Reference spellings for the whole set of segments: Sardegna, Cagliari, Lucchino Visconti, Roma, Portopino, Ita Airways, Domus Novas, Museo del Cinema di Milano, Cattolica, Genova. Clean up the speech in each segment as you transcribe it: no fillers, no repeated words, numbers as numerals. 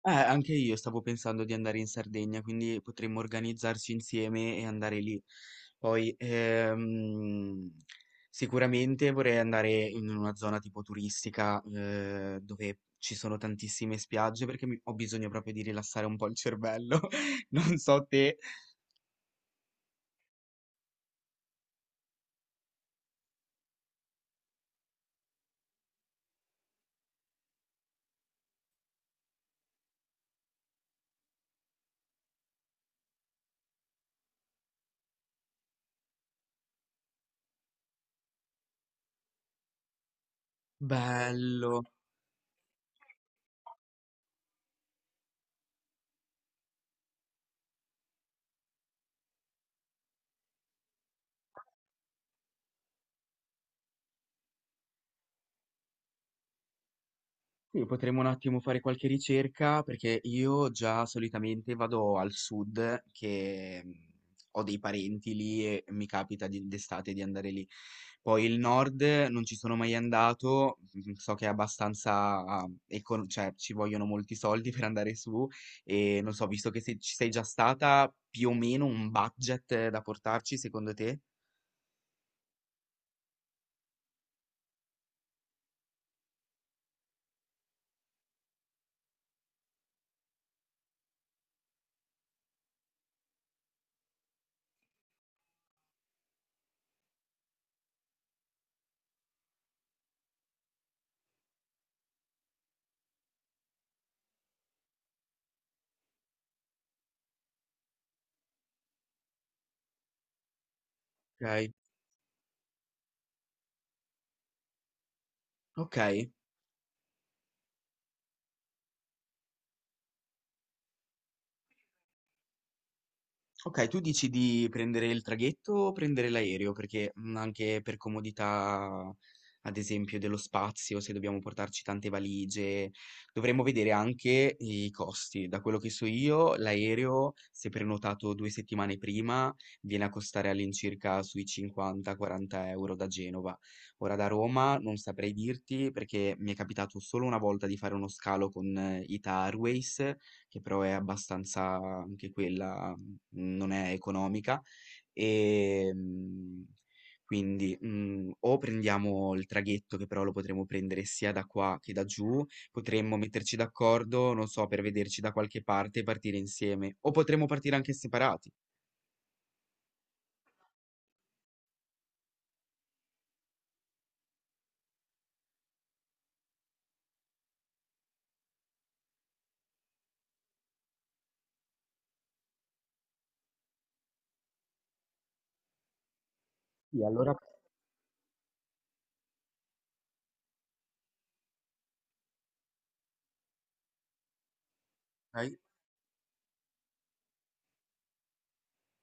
Anche io stavo pensando di andare in Sardegna, quindi potremmo organizzarci insieme e andare lì. Poi, sicuramente vorrei andare in una zona tipo turistica, dove ci sono tantissime spiagge, perché ho bisogno proprio di rilassare un po' il cervello. Non so te. Bello. Sì, potremmo un attimo fare qualche ricerca perché io già solitamente vado al sud che ho dei parenti lì e mi capita d'estate di andare lì. Poi il nord non ci sono mai andato, so che è abbastanza, cioè ci vogliono molti soldi per andare su, e non so, visto che se ci sei già stata, più o meno un budget da portarci secondo te? Ok, ok. Okay, tu dici di prendere il traghetto o prendere l'aereo? Perché, anche per comodità, ad esempio, dello spazio, se dobbiamo portarci tante valigie, dovremmo vedere anche i costi. Da quello che so io, l'aereo, se prenotato 2 settimane prima, viene a costare all'incirca sui 50, 40 € da Genova. Ora da Roma non saprei dirti, perché mi è capitato solo una volta di fare uno scalo con Ita Airways, che però è abbastanza, anche quella non è economica, ehm, quindi, o prendiamo il traghetto, che però lo potremo prendere sia da qua che da giù, potremmo metterci d'accordo, non so, per vederci da qualche parte e partire insieme, o potremmo partire anche separati. Sì, allora. Okay?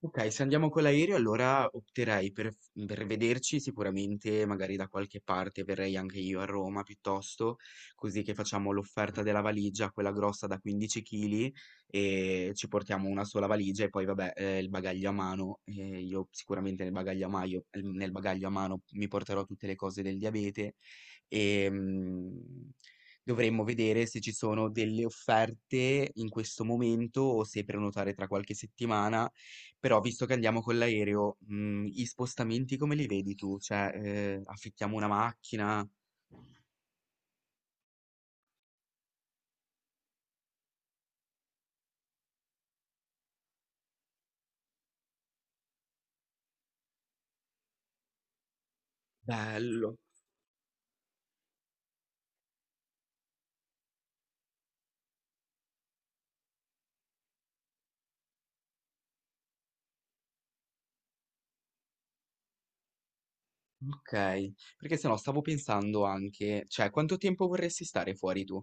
Ok, se andiamo con l'aereo allora opterei per vederci sicuramente magari da qualche parte, verrei anche io a Roma piuttosto, così che facciamo l'offerta della valigia, quella grossa da 15 kg, e ci portiamo una sola valigia. E poi vabbè, il bagaglio a mano, io sicuramente nel nel bagaglio a mano mi porterò tutte le cose del diabete, e dovremmo vedere se ci sono delle offerte in questo momento o se prenotare tra qualche settimana, però visto che andiamo con l'aereo, gli spostamenti come li vedi tu? Cioè, affittiamo una macchina? Bello, okay. Perché se no stavo pensando anche, cioè, quanto tempo vorresti stare fuori tu?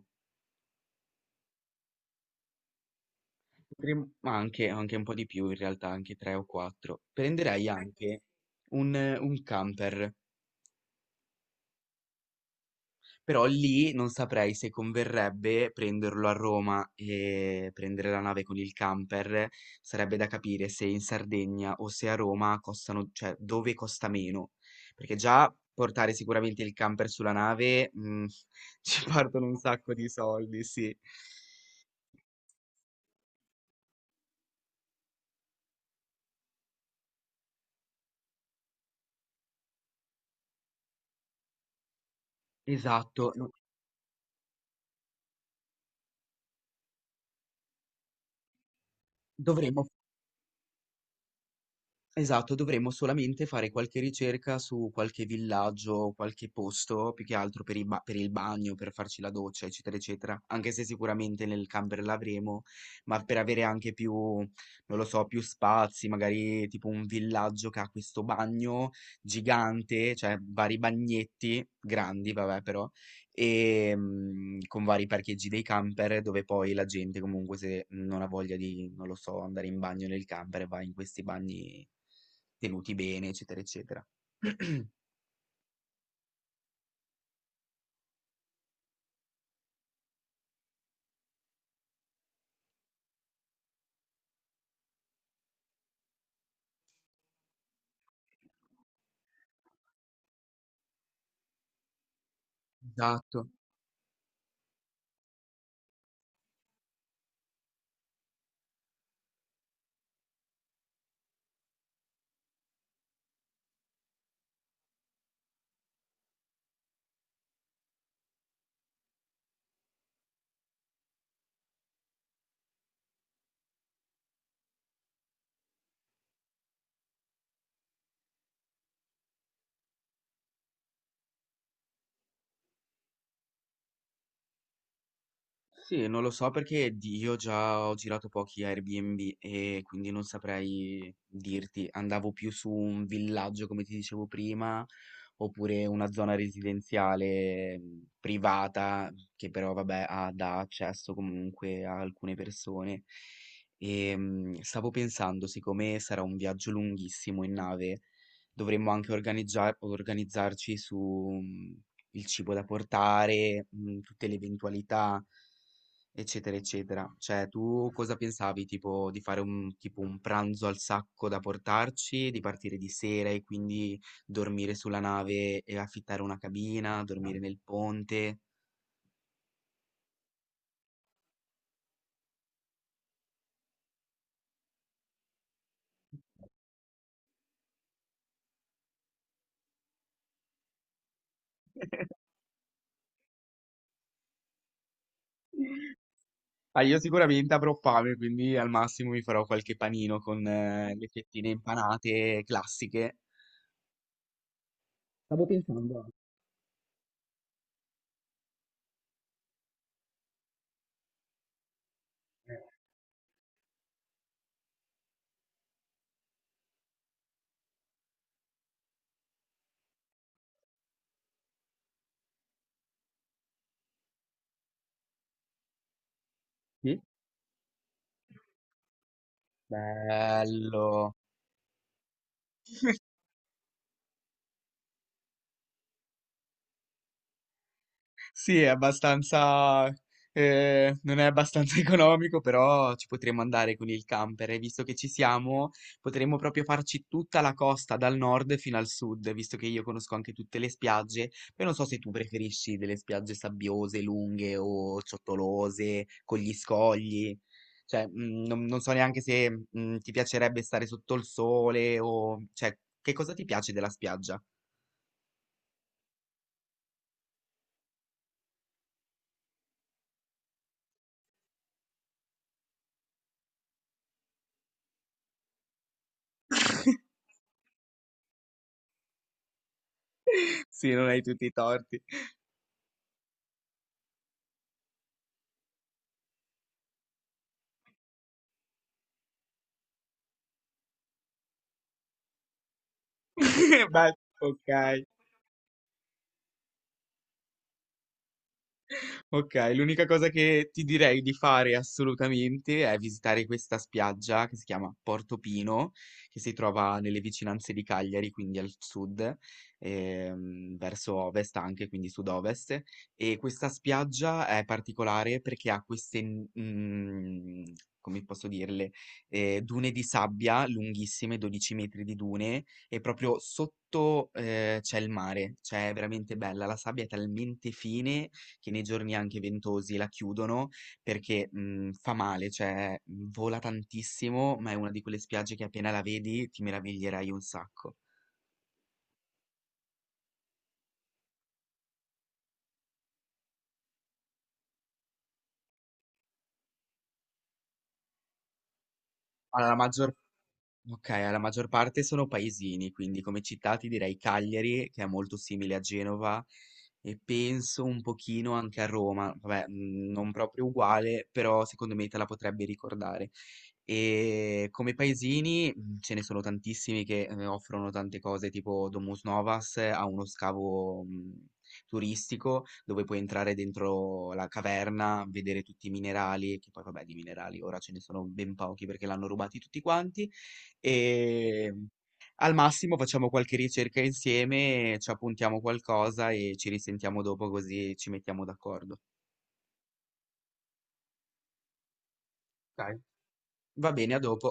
Potrem Ma anche un po' di più in realtà, anche 3 o 4. Prenderei anche un camper. Però lì non saprei se converrebbe prenderlo a Roma e prendere la nave con il camper. Sarebbe da capire se in Sardegna o se a Roma costano, cioè dove costa meno. Perché già portare sicuramente il camper sulla nave, ci partono un sacco di soldi, sì. Esatto, dovremmo Esatto, dovremmo solamente fare qualche ricerca su qualche villaggio, qualche posto, più che altro per il bagno, per farci la doccia, eccetera, eccetera. Anche se sicuramente nel camper l'avremo, ma per avere anche più, non lo so, più spazi, magari tipo un villaggio che ha questo bagno gigante, cioè vari bagnetti grandi, vabbè, però, con vari parcheggi dei camper dove poi la gente comunque se non ha voglia di, non lo so, andare in bagno nel camper, va in questi bagni tenuti bene, eccetera, eccetera. Esatto. Sì, non lo so perché io già ho girato pochi Airbnb e quindi non saprei dirti. Andavo più su un villaggio, come ti dicevo prima, oppure una zona residenziale, privata, che però, vabbè, dà accesso comunque a alcune persone. E stavo pensando, siccome sarà un viaggio lunghissimo in nave, dovremmo anche organizzarci su, mm, il cibo da portare, tutte le eventualità. Eccetera, eccetera. Cioè, tu cosa pensavi, tipo, di fare tipo, un pranzo al sacco da portarci, di partire di sera e quindi dormire sulla nave e affittare una cabina, dormire nel ponte? Ah, io sicuramente avrò fame, quindi al massimo mi farò qualche panino con le fettine impanate classiche. Sì. Bello. Sì, è abbastanza, non è abbastanza economico, però ci potremmo andare con il camper e visto che ci siamo, potremmo proprio farci tutta la costa dal nord fino al sud, visto che io conosco anche tutte le spiagge. Poi non so se tu preferisci delle spiagge sabbiose, lunghe o ciottolose, con gli scogli. Cioè, non so neanche se, ti piacerebbe stare sotto il sole o, cioè, che cosa ti piace della spiaggia? Sì, non hai tutti i torti. Bye. Ok. Ok, l'unica cosa che ti direi di fare assolutamente è visitare questa spiaggia che si chiama Portopino, che si trova nelle vicinanze di Cagliari, quindi al sud, verso ovest anche, quindi sud-ovest. E questa spiaggia è particolare perché ha queste, come posso dirle, dune di sabbia lunghissime, 12 metri di dune, e proprio sotto, c'è il mare, cioè è veramente bella, la sabbia è talmente fine che nei giorni anche ventosi la chiudono perché fa male, cioè vola tantissimo, ma è una di quelle spiagge che appena la vedi ti meraviglierai un sacco. Allora, la maggior okay, la maggior parte sono paesini, quindi come città ti direi Cagliari, che è molto simile a Genova, e penso un pochino anche a Roma, vabbè, non proprio uguale, però secondo me te la potrebbe ricordare. E come paesini, ce ne sono tantissimi che, offrono tante cose, tipo Domus Novas, ha uno scavo, turistico dove puoi entrare dentro la caverna, vedere tutti i minerali, che poi vabbè di minerali ora ce ne sono ben pochi perché l'hanno rubati tutti quanti, e al massimo facciamo qualche ricerca insieme, ci appuntiamo qualcosa e ci risentiamo dopo così ci mettiamo d'accordo. Ok. Va bene, a dopo.